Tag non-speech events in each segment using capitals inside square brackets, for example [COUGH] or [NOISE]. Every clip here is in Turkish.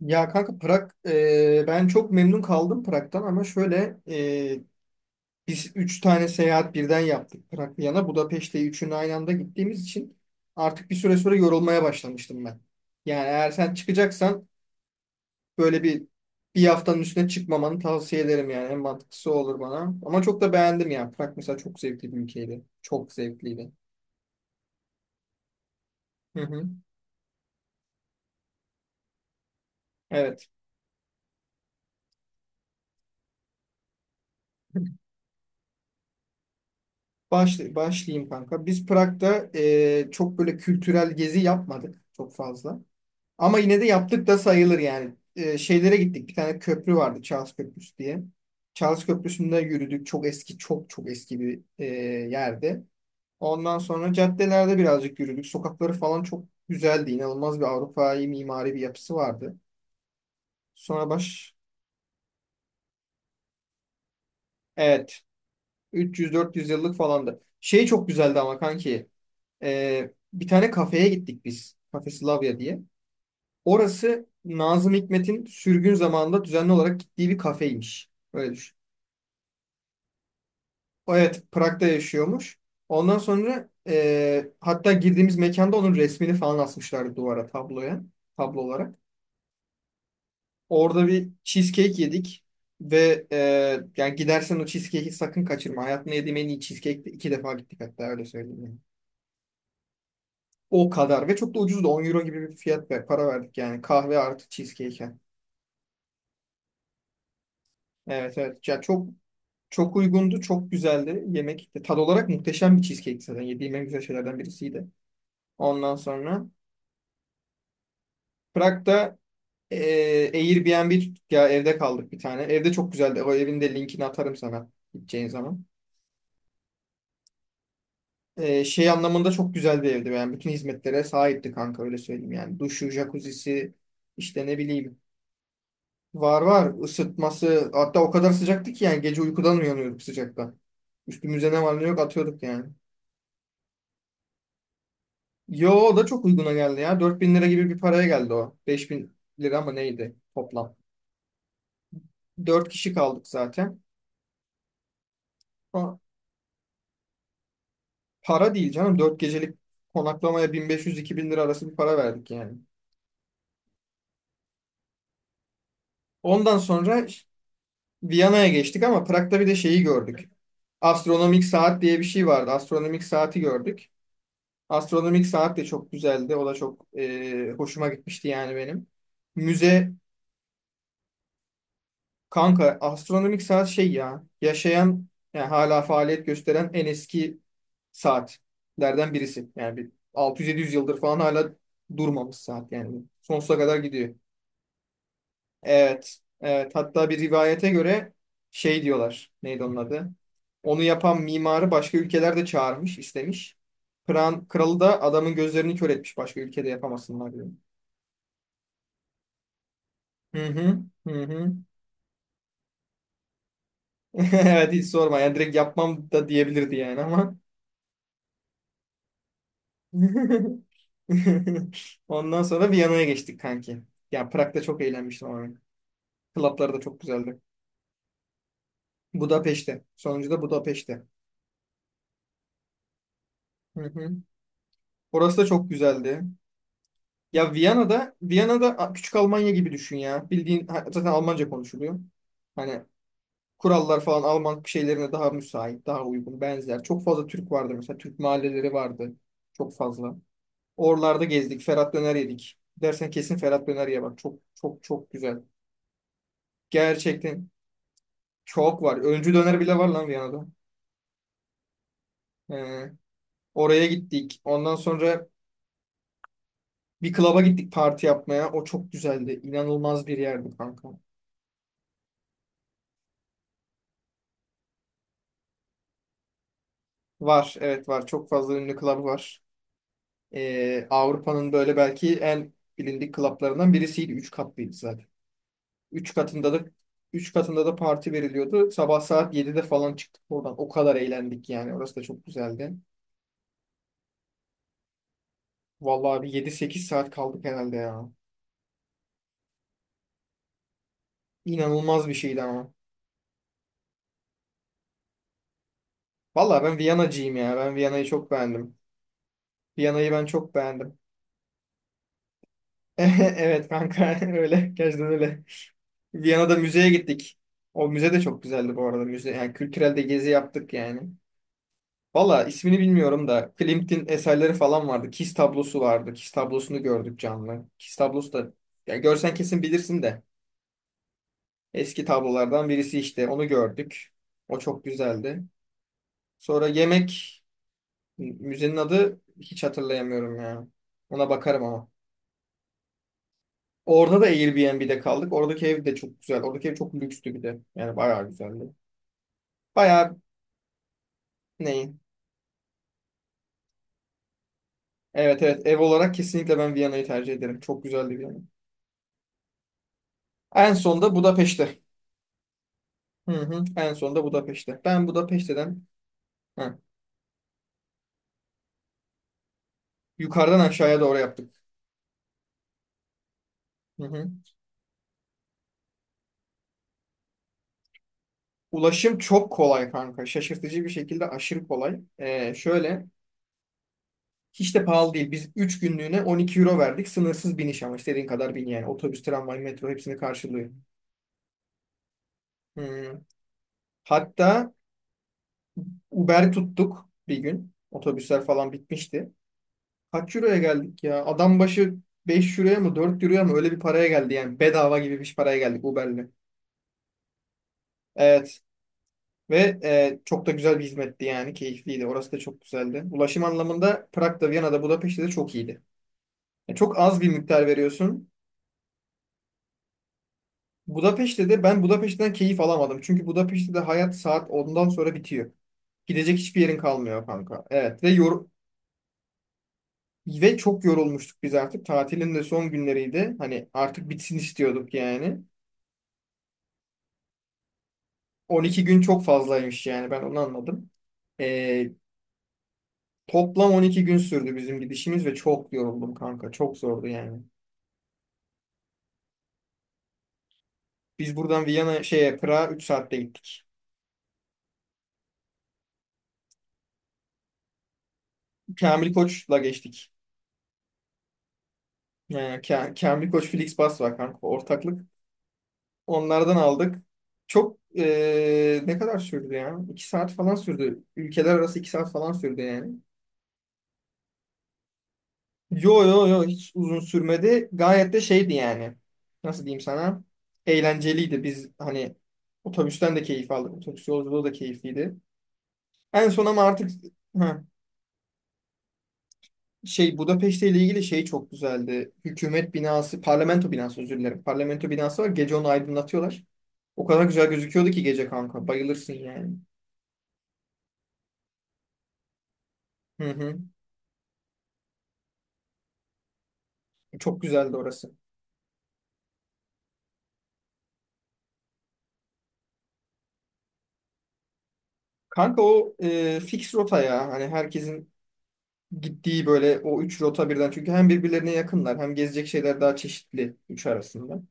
Ya kanka Prag, ben çok memnun kaldım Prag'dan, ama şöyle biz üç tane seyahat birden yaptık: Prag, Viyana, Budapeşte. Üçünü aynı anda gittiğimiz için artık bir süre sonra yorulmaya başlamıştım ben. Yani eğer sen çıkacaksan böyle bir haftanın üstüne çıkmamanı tavsiye ederim, yani en mantıklısı o olur bana. Ama çok da beğendim ya, Prag mesela çok zevkli bir ülkeydi. Çok zevkliydi. Hı hı. Evet. Başlayayım kanka. Biz Prag'da çok böyle kültürel gezi yapmadık çok fazla. Ama yine de yaptık da sayılır yani. Şeylere gittik. Bir tane köprü vardı, Charles Köprüsü diye. Charles Köprüsü'nde yürüdük. Çok eski, çok çok eski bir yerde. Ondan sonra caddelerde birazcık yürüdük. Sokakları falan çok güzeldi. İnanılmaz bir Avrupa'yı mimari bir yapısı vardı. Sonra baş... Evet. 300-400 yıllık falandı. Şey çok güzeldi ama kanki. Bir tane kafeye gittik biz, Cafe Slavia diye. Orası Nazım Hikmet'in sürgün zamanında düzenli olarak gittiği bir kafeymiş. Öyle düşün. Evet, Prag'da yaşıyormuş. Ondan sonra hatta girdiğimiz mekanda onun resmini falan asmışlardı duvara, tabloya, tablo olarak. Orada bir cheesecake yedik ve yani gidersen o cheesecake'i sakın kaçırma. Hayatımda yediğim en iyi cheesecake'ti. 2 defa gittik hatta, öyle söyleyeyim yani. O kadar, ve çok da ucuzdu. 10 euro gibi bir fiyat ve para verdik yani, kahve artı cheesecake'e. Evet, evet. Çok uygundu, çok güzeldi yemek. Tad olarak muhteşem bir cheesecake zaten. Yediğim en güzel şeylerden birisiydi. Ondan sonra Prag'da Airbnb tuttuk ya, evde kaldık bir tane. Evde çok güzeldi. O evin de linkini atarım sana gideceğin zaman. Şey anlamında çok güzel bir evdi. Yani bütün hizmetlere sahipti kanka, öyle söyleyeyim yani. Duşu, jacuzzisi, işte ne bileyim. Var, var, ısıtması hatta o kadar sıcaktı ki yani gece uykudan uyanıyorduk sıcaktan. Üstümüze ne var ne yok atıyorduk yani. Yo, o da çok uyguna geldi ya. 4.000 lira gibi bir paraya geldi o. 5.000 lira mı neydi toplam. 4 kişi kaldık zaten. Ama para değil canım. 4 gecelik konaklamaya 1.500-2.000 lira arası bir para verdik yani. Ondan sonra Viyana'ya geçtik ama Prag'da bir de şeyi gördük. Astronomik saat diye bir şey vardı. Astronomik saati gördük. Astronomik saat de çok güzeldi. O da çok hoşuma gitmişti yani benim. Müze Kanka astronomik saat şey ya, yaşayan yani hala faaliyet gösteren en eski saatlerden birisi. Yani bir 600-700 yıldır falan hala durmamış saat, yani sonsuza kadar gidiyor. Evet, evet, hatta bir rivayete göre şey diyorlar, neydi onun adı? Onu yapan mimarı başka ülkeler de çağırmış, istemiş. Kral, kralı da adamın gözlerini kör etmiş, başka ülkede yapamasınlar diyor. Hı hı, hı hı. [LAUGHS] Evet, hiç sorma yani, direkt yapmam da diyebilirdi yani ama. [LAUGHS] [LAUGHS] Ondan sonra Viyana'ya geçtik kanki. Ya Prag'da çok eğlenmiştim abi. Klaplar da çok güzeldi. Budapeşte. Sonuncu da Budapeşte. Hı hı. Orası da çok güzeldi. Ya Viyana'da, küçük Almanya gibi düşün ya. Bildiğin zaten Almanca konuşuluyor. Hani kurallar falan Alman şeylerine daha müsait, daha uygun, benzer. Çok fazla Türk vardı mesela. Türk mahalleleri vardı. Çok fazla. Oralarda gezdik. Ferhat Döner yedik. Dersen kesin Ferhat Döner ye bak. Çok çok çok güzel. Gerçekten çok var. Öncü döner bile var lan Viyana'da. Ee, Oraya gittik. Ondan sonra bir klaba gittik parti yapmaya. O çok güzeldi. İnanılmaz bir yerdi kanka. Var. Evet var. Çok fazla ünlü klab var. Avrupa'nın böyle belki en bilindik klaplarından birisiydi. Üç katlıydı zaten. Üç katında da Üç katında da parti veriliyordu. Sabah saat 7'de falan çıktık oradan. O kadar eğlendik yani. Orası da çok güzeldi. Vallahi bir 7-8 saat kaldık herhalde ya. İnanılmaz bir şeydi ama. Valla ben Viyana'cıyım ya. Ben Viyana'yı çok beğendim. Viyana'yı ben çok beğendim. [LAUGHS] Evet kanka, [LAUGHS] öyle. Gerçekten öyle. Viyana'da müzeye gittik. O müze de çok güzeldi bu arada. Müze, yani kültürel de gezi yaptık yani. Valla ismini bilmiyorum da Klimt'in eserleri falan vardı. Kiss tablosu vardı. Kiss tablosunu gördük canlı. Kiss tablosu da, ya görsen kesin bilirsin de. Eski tablolardan birisi işte. Onu gördük. O çok güzeldi. Sonra yemek Müzenin adı hiç hatırlayamıyorum ya. Ona bakarım ama. Orada da Airbnb'de kaldık. Oradaki ev de çok güzel. Oradaki ev çok lükstü bir de. Yani bayağı güzeldi. Bayağı neyin? Evet, evet, ev olarak kesinlikle ben Viyana'yı tercih ederim. Çok güzeldi Viyana. En son da Budapeşte. Hı hı. En son da Budapeşte. Ha, Yukarıdan aşağıya doğru yaptık. Hı hı. Ulaşım çok kolay kanka. Şaşırtıcı bir şekilde aşırı kolay. Şöyle Hiç de pahalı değil. Biz 3 günlüğüne 12 euro verdik. Sınırsız biniş, ama istediğin kadar bin yani. Otobüs, tramvay, metro hepsini karşılıyor. Hı. Hatta Uber tuttuk bir gün. Otobüsler falan bitmişti. Kaç euroya geldik ya? Adam başı 5 euroya mı 4 euroya mı öyle bir paraya geldi yani. Bedava gibi bir paraya geldik Uber'le. Evet. Ve çok da güzel bir hizmetti yani. Keyifliydi. Orası da çok güzeldi. Ulaşım anlamında Prag'da, Viyana'da, Budapeşte de çok iyiydi. Yani çok az bir miktar veriyorsun. Budapeşte de Ben Budapeşte'den keyif alamadım. Çünkü Budapeşte'de hayat saat ondan sonra bitiyor. Gidecek hiçbir yerin kalmıyor kanka. Evet. Ve çok yorulmuştuk biz artık. Tatilin de son günleriydi. Hani artık bitsin istiyorduk yani. 12 gün çok fazlaymış yani, ben onu anladım. Ee, Toplam 12 gün sürdü bizim gidişimiz ve çok yoruldum kanka. Çok zordu yani. Biz buradan Viyana şeye Prag'a 3 saatte gittik. Kamil Koç'la geçtik. Yani Kamil Koç Flixbus var kanka, ortaklık. Onlardan aldık. Çok ne kadar sürdü ya? 2 saat falan sürdü. Ülkeler arası 2 saat falan sürdü yani. Yo, yo, yo, hiç uzun sürmedi. Gayet de şeydi yani. Nasıl diyeyim sana? Eğlenceliydi. Biz hani otobüsten de keyif aldık. Otobüs yolculuğu da keyifliydi. En son ama artık ha, Şey Budapeşte ile ilgili şey çok güzeldi. Hükümet binası, parlamento binası, özür dilerim. Parlamento binası var. Gece onu aydınlatıyorlar. O kadar güzel gözüküyordu ki gece kanka. Bayılırsın yani. Hı hı. Çok güzeldi orası. Kanka o fix rota ya. Hani herkesin gittiği böyle o üç rota birden, çünkü hem birbirlerine yakınlar hem gezecek şeyler daha çeşitli üç arasında.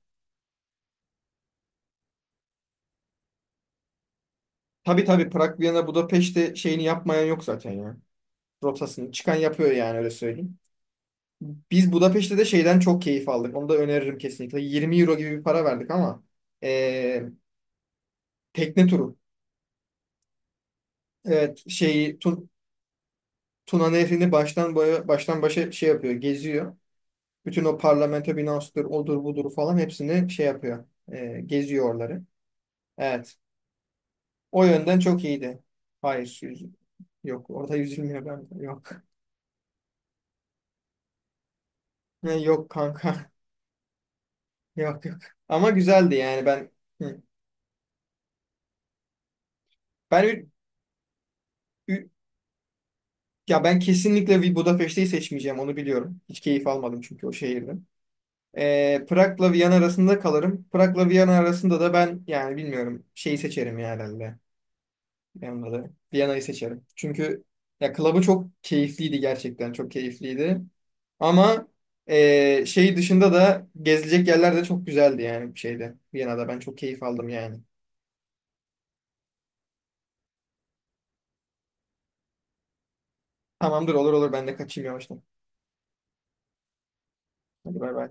Tabii, tabii, Prag, Viyana, Budapeşte şeyini yapmayan yok zaten ya. Rotasını çıkan yapıyor yani, öyle söyleyeyim. Biz Budapeşte de şeyden çok keyif aldık. Onu da öneririm kesinlikle. 20 euro gibi bir para verdik ama eee, tekne turu. Evet, şeyi Tun Tuna Nehri'ni baştan boya, baştan başa şey yapıyor, geziyor. Bütün o parlamento binasıdır, odur budur falan hepsini şey yapıyor. Geziyor oraları. Evet. O yönden çok iyiydi. Hayır, yok. Orada yüzülmüyor bende. Yok. [LAUGHS] Yok kanka. [LAUGHS] Yok, yok. Ama güzeldi yani ben. Hı. Ben ü- ü- Ya ben kesinlikle bir Budapeşte'yi seçmeyeceğim, onu biliyorum. Hiç keyif almadım çünkü o şehirde. Prag'la Viyana arasında kalırım. Prag'la Viyana arasında da ben yani bilmiyorum, şeyi seçerim ya herhalde. Benim de Viyana'yı seçerim. Çünkü ya klabı çok keyifliydi gerçekten. Çok keyifliydi. Ama şey dışında da gezilecek yerler de çok güzeldi yani şeyde. Viyana'da ben çok keyif aldım yani. Tamamdır, olur olur, ben de kaçayım yavaştan. Hadi bay bay.